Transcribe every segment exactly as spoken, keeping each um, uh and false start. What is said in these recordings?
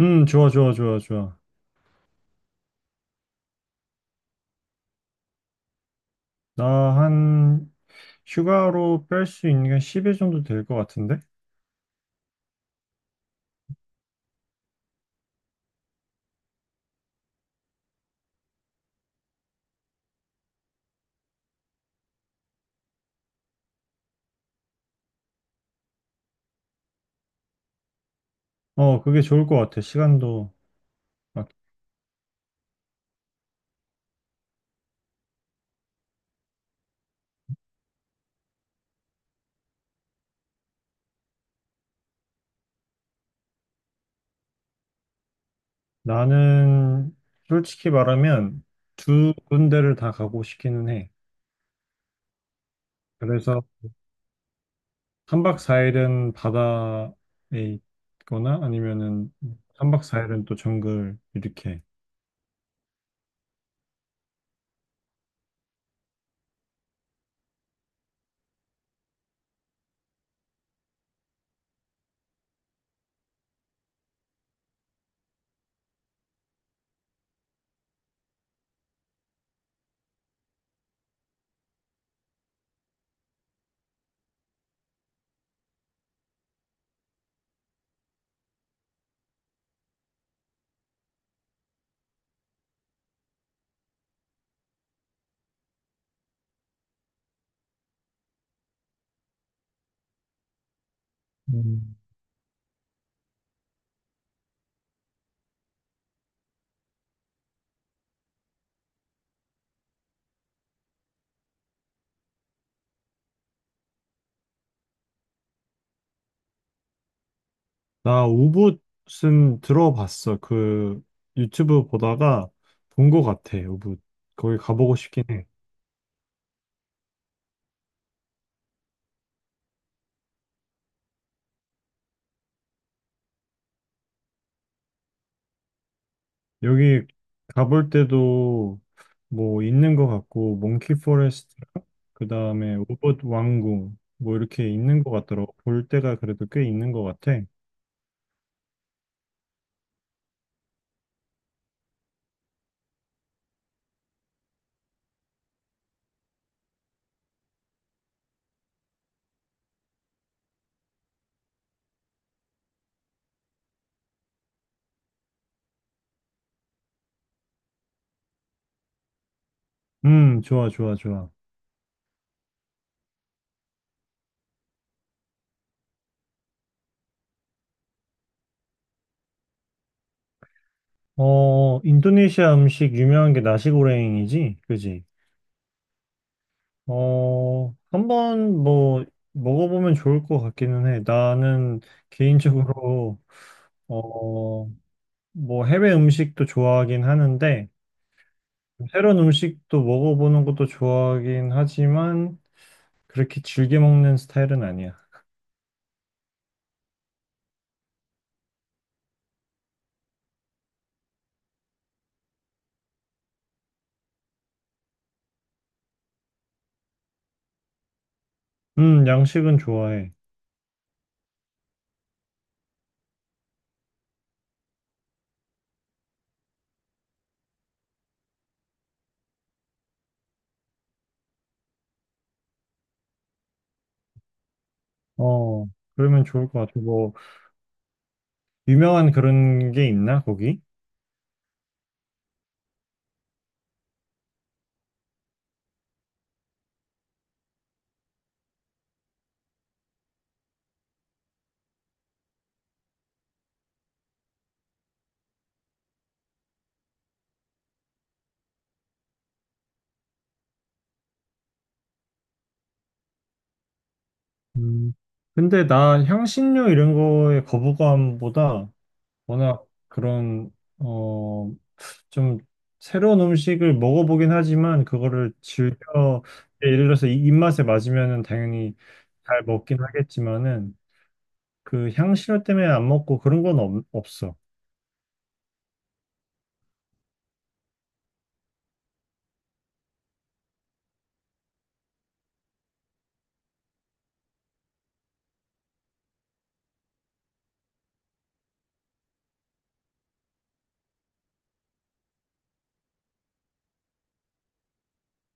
음, 좋아, 좋아, 좋아, 좋아. 나 한, 휴가로 뺄 수 있는 게 십 일 정도 될 것 같은데? 어, 그게 좋을 것 같아, 시간도. 막. 나는, 솔직히 말하면, 두 군데를 다 가고 싶기는 해. 그래서, 삼 박 사 일은 바다에 있거나, 아니면은, 삼 박 사 일은 또 정글, 이렇게. 나 우붓은 들어봤어. 그 유튜브 보다가 본 것 같아. 우붓. 거기 가보고 싶긴 해. 여기 가볼 때도 뭐 있는 것 같고 몽키 포레스트랑 그다음에 우붓 왕궁 뭐 이렇게 있는 것 같더라고. 볼 때가 그래도 꽤 있는 것 같아. 음, 좋아, 좋아, 좋아. 어, 인도네시아 음식 유명한 게 나시고랭이지? 그지? 어, 한번 뭐 먹어보면 좋을 것 같기는 해. 나는 개인적으로 어, 뭐 해외 음식도 좋아하긴 하는데 새로운 음식도 먹어보는 것도 좋아하긴 하지만 그렇게 즐겨 먹는 스타일은 아니야. 음, 양식은 좋아해. 어, 그러면 좋을 것 같아. 뭐 유명한 그런 게 있나 거기? 음, 근데 나 향신료 이런 거에 거부감보다 워낙 그런 어, 좀 새로운 음식을 먹어보긴 하지만 그거를 즐겨 예, 예를 들어서 이 입맛에 맞으면은 당연히 잘 먹긴 하겠지만은 그 향신료 때문에 안 먹고 그런 건 없, 없어.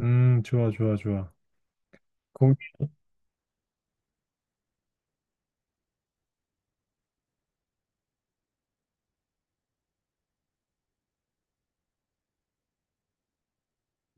음, 좋아, 좋아, 좋아. 거기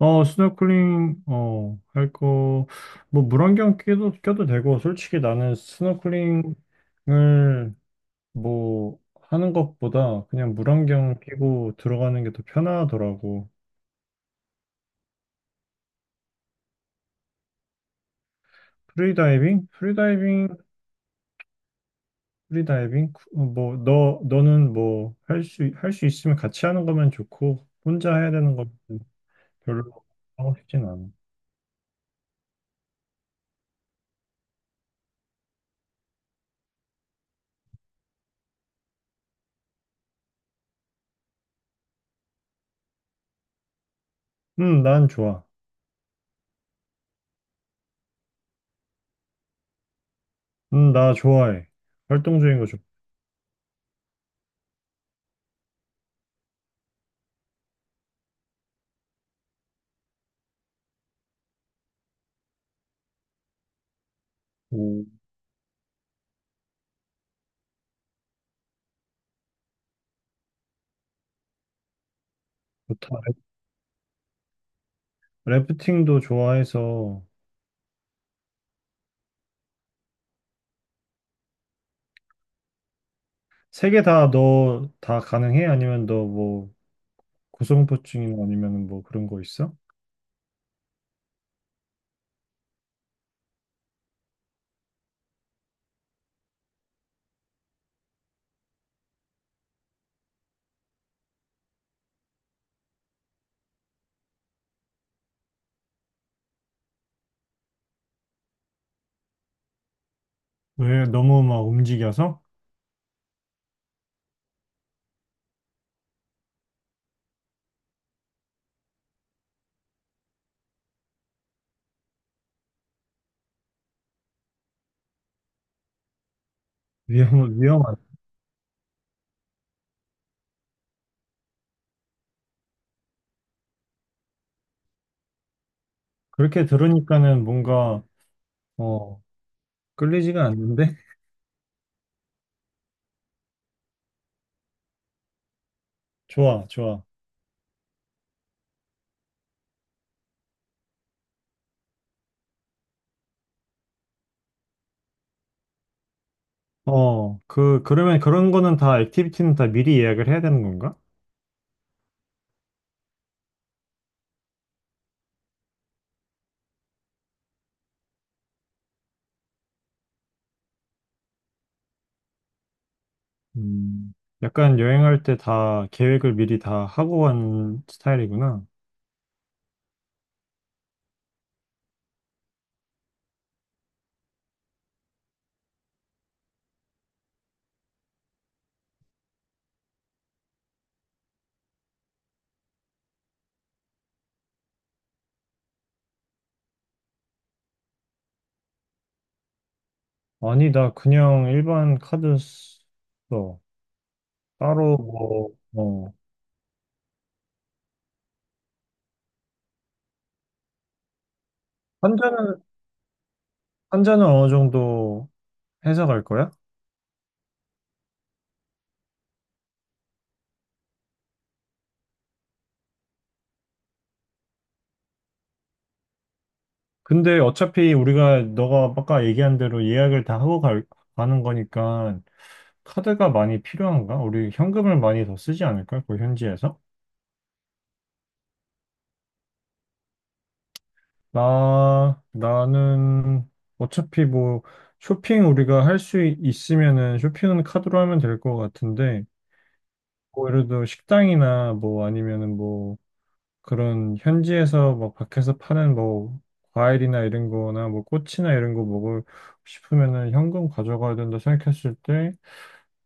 어 스노클링 어 할 거 뭐 물안경 껴도 껴도 되고 솔직히 나는 스노클링을 뭐 하는 것보다 그냥 물안경 끼고 들어가는 게 더 편하더라고. 프리다이빙? 프리다이빙 프리다이빙? 어, 뭐, 너, 너는 뭐, 할 수, 할 수 있으면 같이 하는 거면 좋고, 혼자 해야 되는 건 별로 하고 싶진 않아. 음, 난 좋아. 음, 나 좋아해. 활동적인 거 좋고, 좋다. 래프팅도 좋아해서, 세 개 다 너 다 가능해? 아니면 너 뭐, 고소공포증이나 아니면 뭐 그런 거 있어? 왜 너무 막 움직여서? 위험, 위험한. 그렇게 들으니까는 뭔가, 어, 끌리지가 않는데? 좋아, 좋아. 어, 그, 그러면 그런 거는 다, 액티비티는 다 미리 예약을 해야 되는 건가? 음, 약간 여행할 때 다 계획을 미리 다 하고 간 스타일이구나. 아니, 나 그냥 일반 카드 써. 따로 뭐, 어. 환자는, 환자는 어느 정도 해서 갈 거야? 근데 어차피 우리가, 너가 아까 얘기한 대로 예약을 다 하고 갈, 가는 거니까 카드가 많이 필요한가? 우리 현금을 많이 더 쓰지 않을까? 그 현지에서? 나, 나는 어차피 뭐 쇼핑 우리가 할 수 있으면은 쇼핑은 카드로 하면 될 것 같은데, 뭐 예를 들어 식당이나 뭐 아니면은 뭐 그런 현지에서 막 밖에서 파는 뭐 과일이나 이런 거나 뭐 꽃이나 이런 거 먹을 싶으면은 현금 가져가야 된다 생각했을 때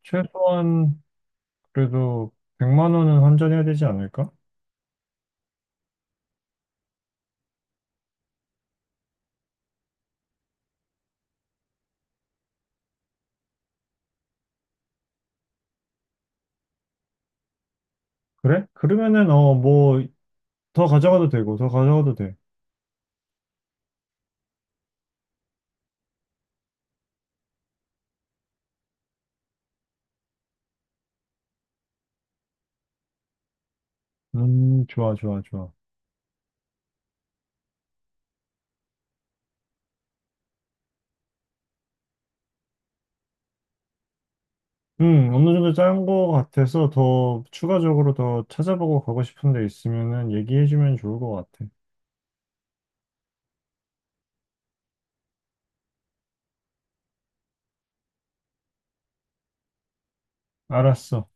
최소한 그래도 백만 원은 환전해야 되지 않을까? 그래? 그러면은 어 뭐 더 가져가도 되고 더 가져가도 돼. 음, 좋아, 좋아, 좋아. 음, 어느 정도 짠 거 같아서 더 추가적으로 더 찾아보고 가고 싶은 데 있으면은 얘기해주면 좋을 것 같아. 알았어.